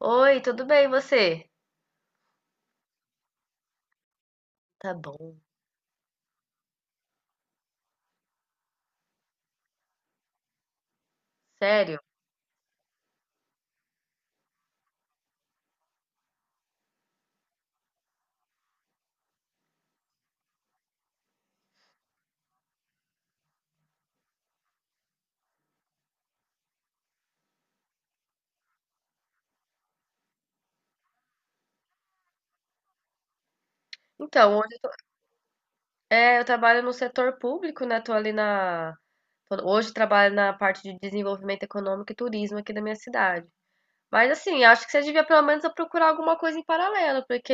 Oi, tudo bem, e você? Tá bom. Sério? Então, hoje eu, eu trabalho no setor público, né? Tô ali na. Tô- Hoje trabalho na parte de desenvolvimento econômico e turismo aqui da minha cidade. Mas assim, acho que você devia pelo menos procurar alguma coisa em paralelo, porque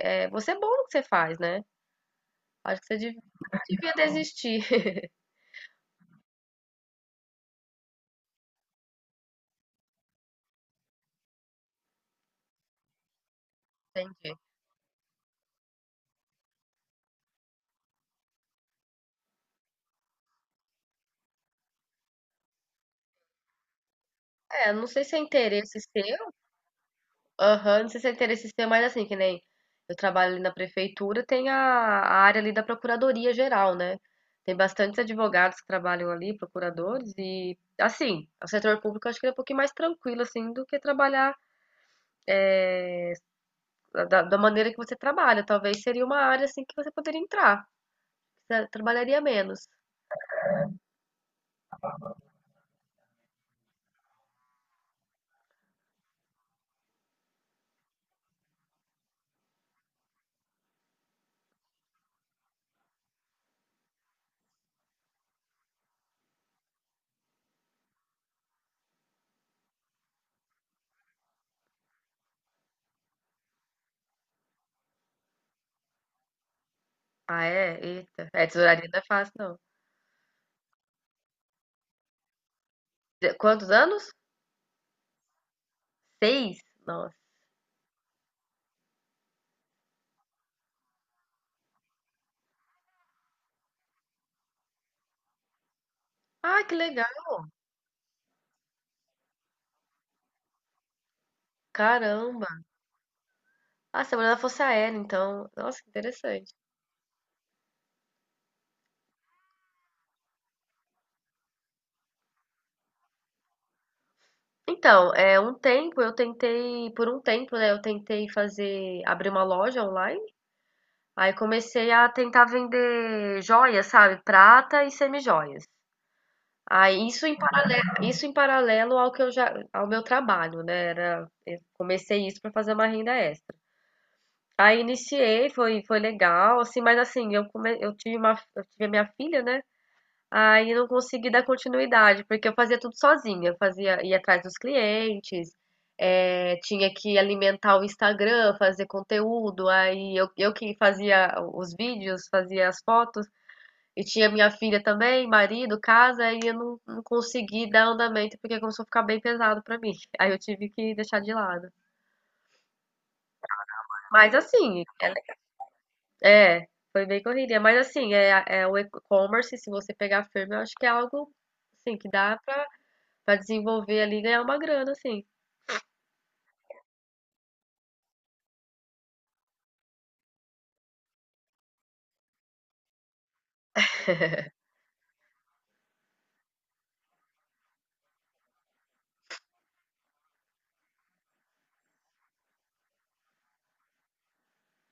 é, você é bom no que você faz, né? Acho que você devia desistir. Entendi. É, não sei se é interesse seu. Aham, não sei se é interesse seu, mas assim, que nem eu trabalho ali na prefeitura, tem a área ali da Procuradoria Geral, né? Tem bastantes advogados que trabalham ali, procuradores, e assim, o setor público eu acho que é um pouquinho mais tranquilo, assim, do que trabalhar da maneira que você trabalha. Talvez seria uma área, assim, que você poderia entrar, você trabalharia menos. Ah, é? Eita. É, tesouraria não é fácil, não. Quantos anos? Seis? Nossa. Ah, que legal. Caramba. Ah, você trabalhou na Força Aérea, então. Nossa, que interessante. Então, é, um tempo eu tentei, por um tempo, né, eu tentei fazer, abrir uma loja online. Aí comecei a tentar vender joias, sabe? Prata e semijoias. Aí isso em paralelo ao que eu já, ao meu trabalho, né? Era, eu comecei isso para fazer uma renda extra. Aí iniciei, foi, foi legal, assim, mas assim, eu come, eu tive uma, eu tive a minha filha, né? Aí não consegui dar continuidade, porque eu fazia tudo sozinha, eu fazia ia atrás dos clientes, tinha que alimentar o Instagram, fazer conteúdo, aí eu que fazia os vídeos, fazia as fotos, e tinha minha filha também, marido, casa, aí eu não, não consegui dar andamento, porque começou a ficar bem pesado pra mim, aí eu tive que deixar de lado. Mas assim, é, é, foi bem correria, mas assim, é, é o e-commerce, se você pegar firme, eu acho que é algo, assim, que dá pra Pra desenvolver ali e ganhar uma grana, assim.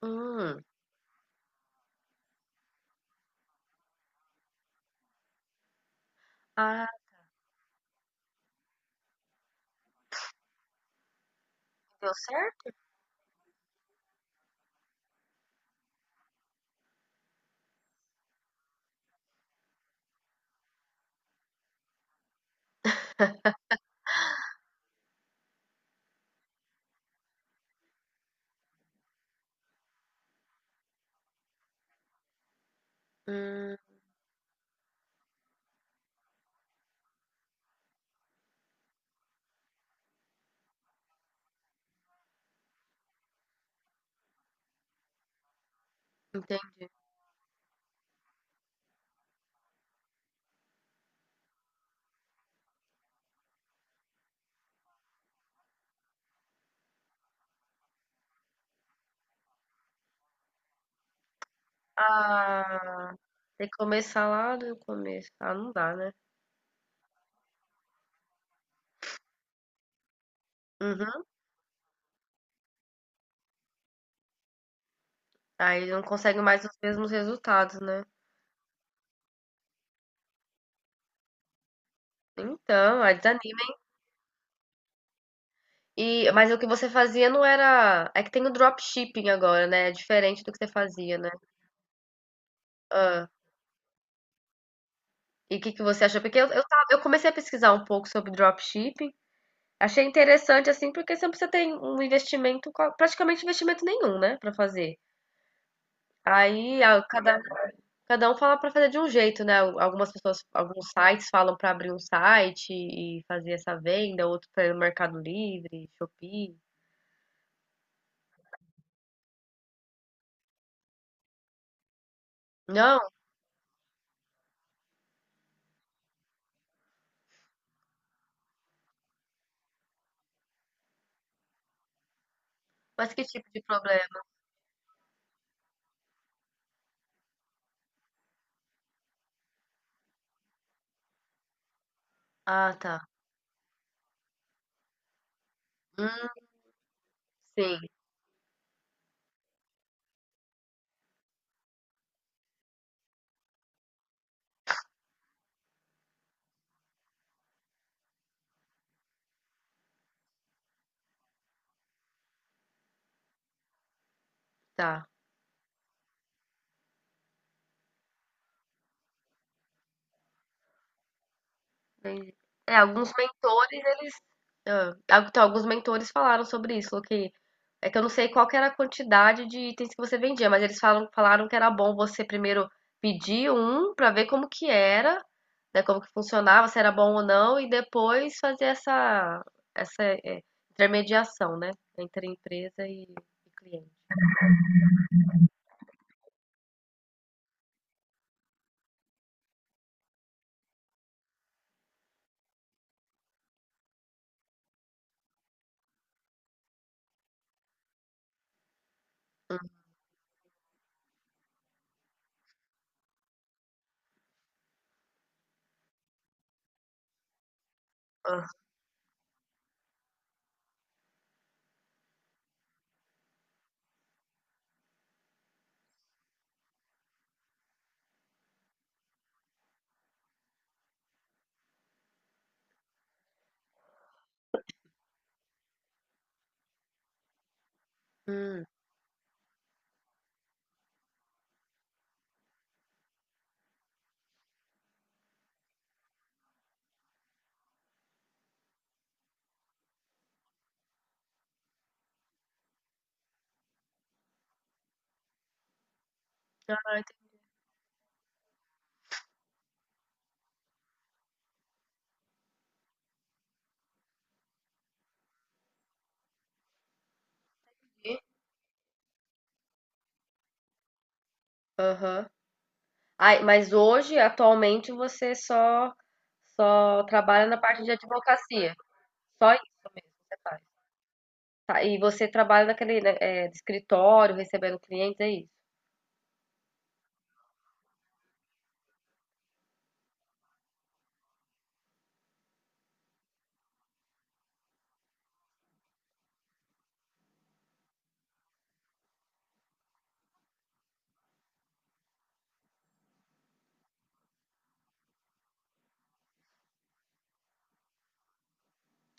Hum. Ah, deu certo? Hum, entendi. Ah, tem que começar lá do começo. Ah, não dá, né? Uhum. Aí não consegue mais os mesmos resultados, né? Então, aí desanima. E, mas o que você fazia não era. É que tem o dropshipping agora, né? É diferente do que você fazia, né? Ah, e o que que você achou? Porque eu comecei a pesquisar um pouco sobre dropshipping. Achei interessante, assim, porque sempre você tem um investimento, praticamente investimento nenhum, né? Pra fazer. Aí a- cada, cada um fala para fazer de um jeito, né? Algumas pessoas, alguns sites falam para abrir um site e fazer essa venda, outro para Mercado Livre, Shopee. Não, mas que tipo de problema? Ah, tá. Hum, sim, tá. Entendi. É, alguns mentores, eles. Ah, então, alguns mentores falaram sobre isso, falou que. É que eu não sei qual que era a quantidade de itens que você vendia, mas eles falam, falaram que era bom você primeiro pedir um pra ver como que era, né, como que funcionava, se era bom ou não, e depois fazer essa, essa é, intermediação, né, entre a empresa e cliente. Ah, hum. Ah, entendi. Aham. Ai, mas hoje, atualmente, você só trabalha na parte de advocacia. Só isso mesmo que você faz. Tá, e você trabalha naquele, né, é, escritório, recebendo clientes, é isso?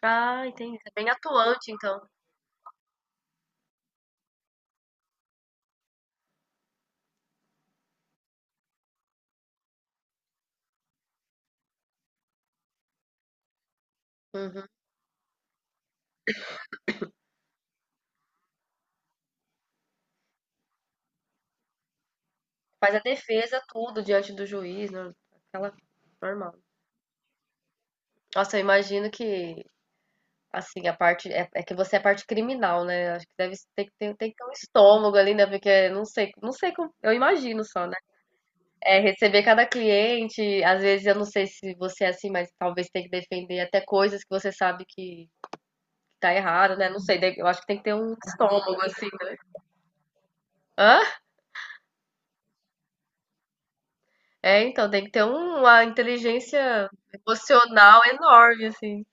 Ah, entendi. Você é bem atuante, então. Uhum. Faz a defesa, tudo, diante do juiz, né? Aquela normal. Nossa, eu imagino que, assim, a parte. É, é que você é parte criminal, né? Acho que deve ter, que ter tem que ter um estômago ali, né? Porque não sei, não sei como. Eu imagino só, né? É, receber cada cliente, às vezes eu não sei se você é assim, mas talvez tenha que defender até coisas que você sabe que tá errado, né? Não sei, eu acho que tem que ter um estômago, assim, né? Hã? É, então, tem que ter uma inteligência emocional enorme, assim.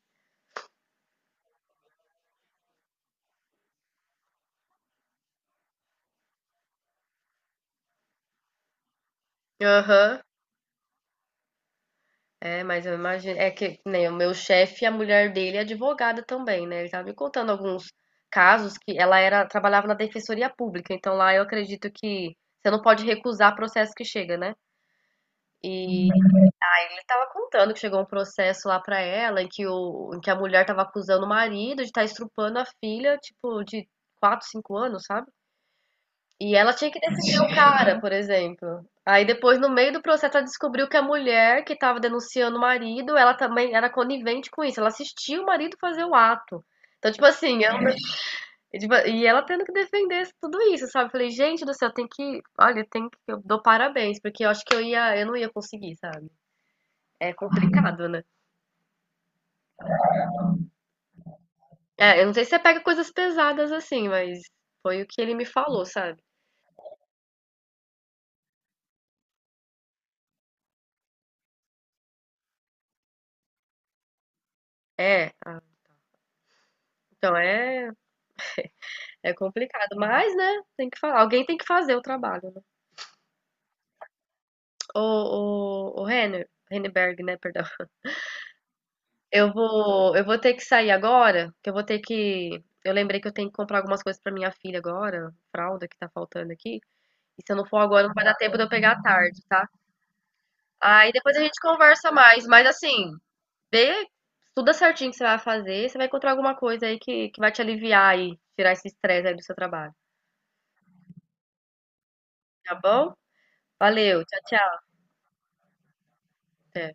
Aham. É, mas eu imagino. É que nem o meu chefe, a mulher dele é advogada também, né? Ele tava me contando alguns casos que ela era, trabalhava na defensoria pública, então lá eu acredito que você não pode recusar processo que chega, né? E ele estava contando que chegou um processo lá pra ela, em que, o, em que a mulher estava acusando o marido de estar estrupando a filha, tipo, de 4 5 anos, sabe? E ela tinha que defender o cara, por exemplo. Aí depois, no meio do processo, ela descobriu que a mulher que estava denunciando o marido, ela também era conivente com isso. Ela assistia o marido fazer o ato. Então, tipo assim, ela, tipo, e ela tendo que defender tudo isso, sabe? Eu falei, gente do céu, tem que. Olha, tem que. Eu dou parabéns, porque eu acho que eu ia, eu não ia conseguir, sabe? É complicado, né? É, eu não sei se você pega coisas pesadas assim, mas foi o que ele me falou, sabe? É, ah, então é, é complicado, mas, né, tem que falar, alguém tem que fazer o trabalho, né? O ô, ô, Renner, Renneberg, né, perdão. Eu vou ter que sair agora, que eu vou ter que, eu lembrei que eu tenho que comprar algumas coisas pra minha filha agora, fralda que tá faltando aqui, e se eu não for agora não vai dar tempo de eu pegar à tarde, tá? Aí depois a gente conversa mais, mas assim, Vê, estuda certinho o que você vai fazer, você vai encontrar alguma coisa aí que vai te aliviar aí, tirar esse estresse aí do seu trabalho, tá bom? Valeu, tchau, tchau. Até.